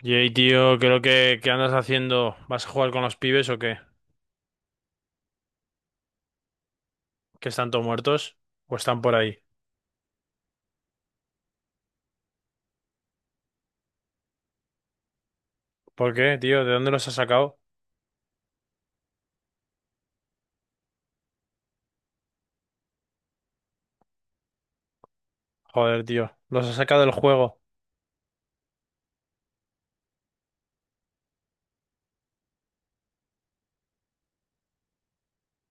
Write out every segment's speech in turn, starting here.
Yey, tío, creo que ¿qué andas haciendo? ¿Vas a jugar con los pibes o qué? ¿Que están todos muertos? ¿O están por ahí? ¿Por qué, tío? ¿De dónde los has sacado? Joder, tío. Los has sacado del juego.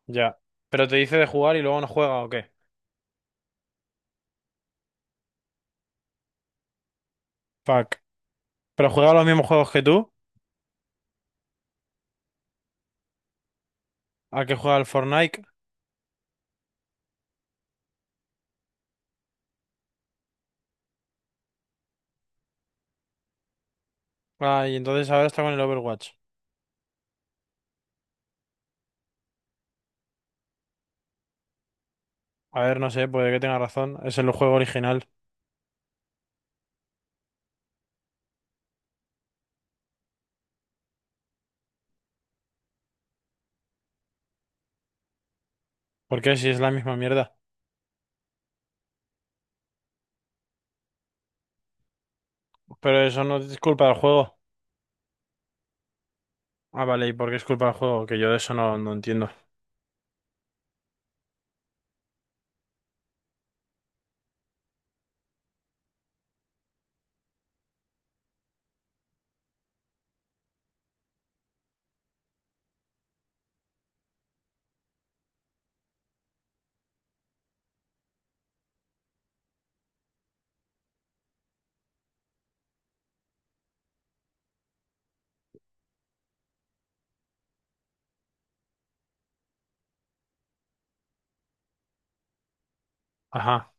Ya. ¿Pero te dice de jugar y luego no juega o qué? Fuck. ¿Pero juega los mismos juegos que tú? ¿A que juega el Fortnite? Ah, y entonces ahora está con el Overwatch. A ver, no sé, puede que tenga razón. Es el juego original. ¿Por qué? Si es la misma mierda. Pero eso no es culpa del juego. Ah, vale, ¿y por qué es culpa del juego? Que yo de eso no, no entiendo. Ajá.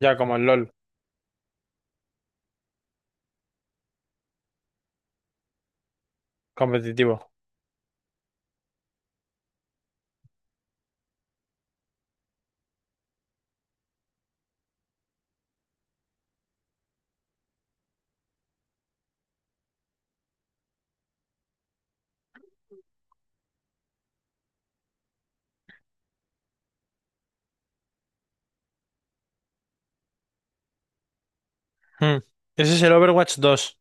Ya, como el LOL. Competitivo. Hmm. Ese es el Overwatch 2.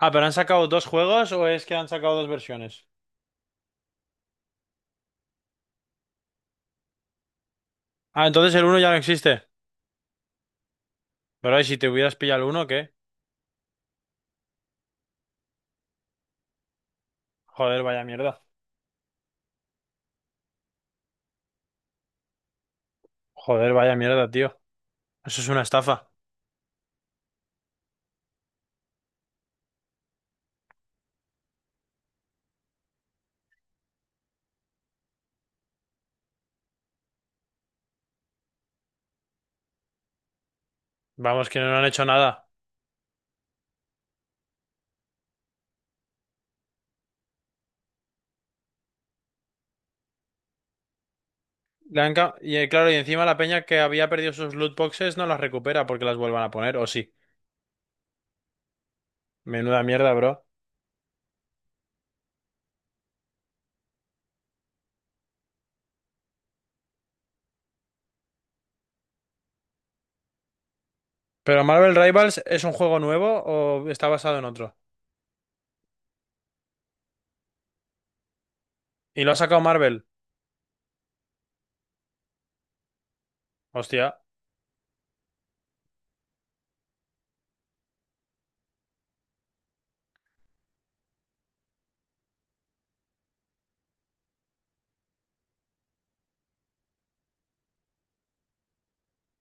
Ah, pero ¿han sacado dos juegos o es que han sacado dos versiones? Ah, entonces el uno ya no existe. Pero ¿y si te hubieras pillado el uno, qué? Joder, vaya mierda. Joder, vaya mierda, tío. Eso es una estafa. Vamos, que no han hecho nada. Y claro, y encima la peña que había perdido sus loot boxes no las recupera porque las vuelvan a poner, o sí. Menuda mierda, bro. Pero Marvel Rivals es un juego nuevo o está basado en otro. Y lo ha sacado Marvel. Hostia.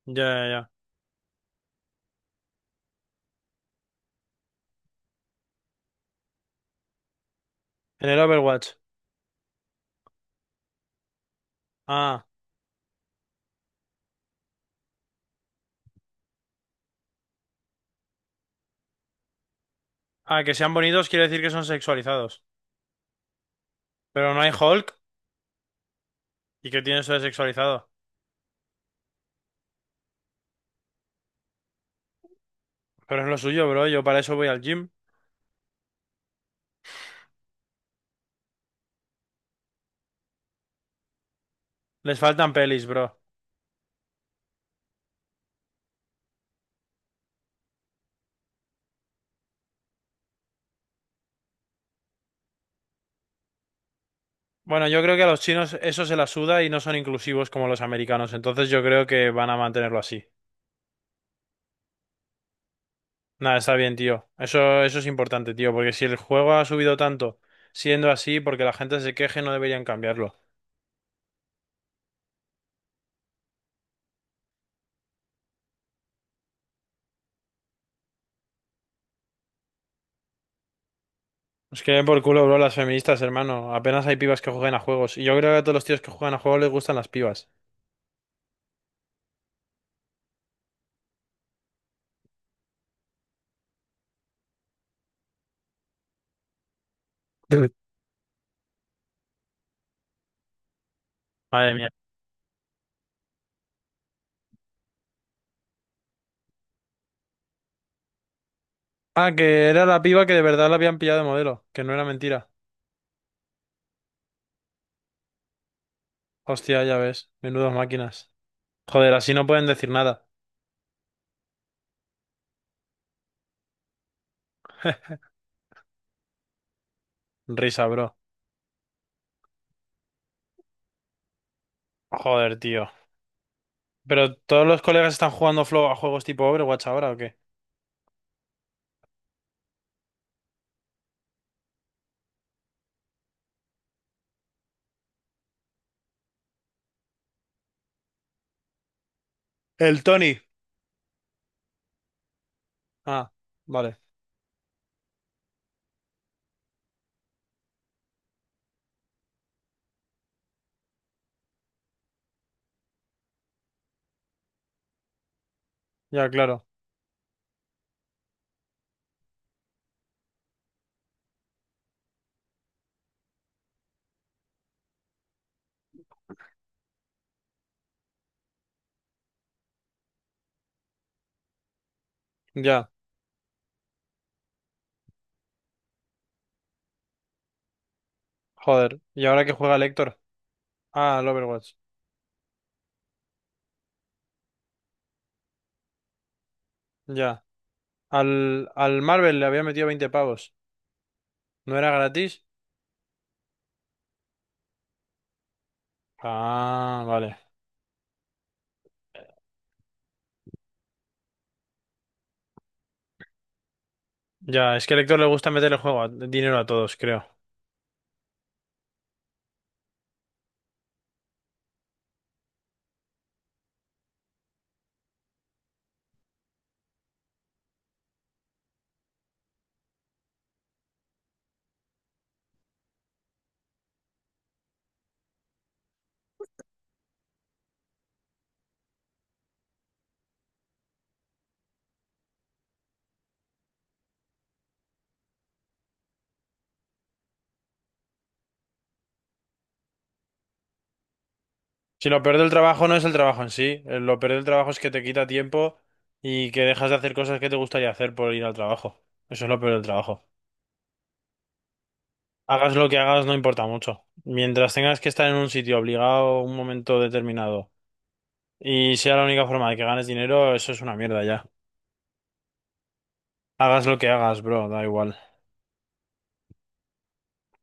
Ya, ya, ya. En el Overwatch. Ah. Ah, que sean bonitos quiere decir que son sexualizados. Pero no hay Hulk. ¿Y qué tiene eso de sexualizado? Pero es lo suyo, bro. Yo para eso voy al gym. Les faltan pelis, bro. Bueno, yo creo que a los chinos eso se la suda y no son inclusivos como los americanos. Entonces yo creo que van a mantenerlo así. Nada, está bien, tío. Eso es importante, tío. Porque si el juego ha subido tanto siendo así, porque la gente se queje, no deberían cambiarlo. Es que por culo, bro, las feministas, hermano. Apenas hay pibas que jueguen a juegos. Y yo creo que a todos los tíos que juegan a juegos les gustan las pibas. Madre mía. Ah, que era la piba que de verdad la habían pillado de modelo, que no era mentira. Hostia, ya ves, menudas máquinas. Joder, así no pueden decir nada. Risa, bro. Joder, tío. ¿Pero todos los colegas están jugando flow a juegos tipo Overwatch ahora o qué? El Tony. Ah, vale. Ya, claro. Ya. Joder. ¿Y ahora qué juega el Héctor? Ah, al Overwatch. Ya. Al Marvel le había metido 20 pavos. ¿No era gratis? Ah, vale. Ya, es que al Héctor le gusta meterle dinero a todos, creo. Si lo peor del trabajo no es el trabajo en sí, lo peor del trabajo es que te quita tiempo y que dejas de hacer cosas que te gustaría hacer por ir al trabajo. Eso es lo peor del trabajo. Hagas lo que hagas, no importa mucho. Mientras tengas que estar en un sitio obligado un momento determinado y sea la única forma de que ganes dinero, eso es una mierda ya. Hagas lo que hagas, bro, da igual.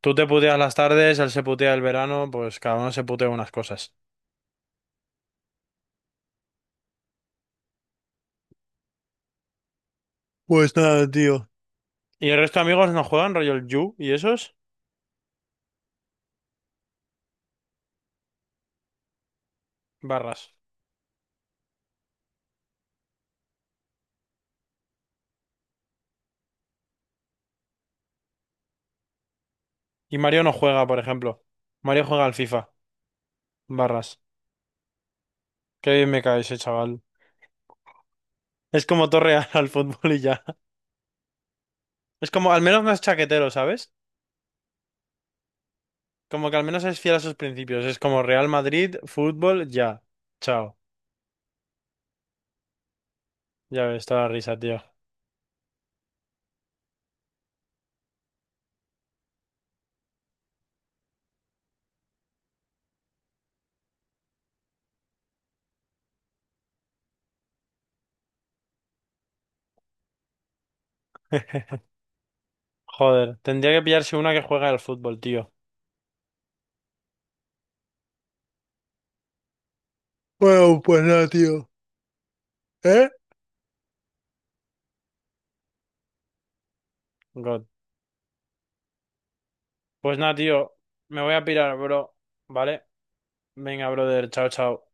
Tú te puteas las tardes, él se putea el verano, pues cada uno se putea unas cosas. Pues nada, tío. ¿Y el resto de amigos no juegan, rollo el Yu y esos? Barras. Y Mario no juega, por ejemplo. Mario juega al FIFA. Barras. Qué bien me cae ese chaval. Es como Torreal al fútbol y ya. Es como, al menos no es chaquetero, ¿sabes? Como que al menos es fiel a sus principios. Es como Real Madrid, fútbol, ya. Chao. Ya ves, toda la risa, tío. Joder, tendría que pillarse una que juega al fútbol, tío. Bueno, pues nada, tío. ¿Eh? God. Pues nada, tío. Me voy a pirar, bro. ¿Vale? Venga, brother. Chao, chao.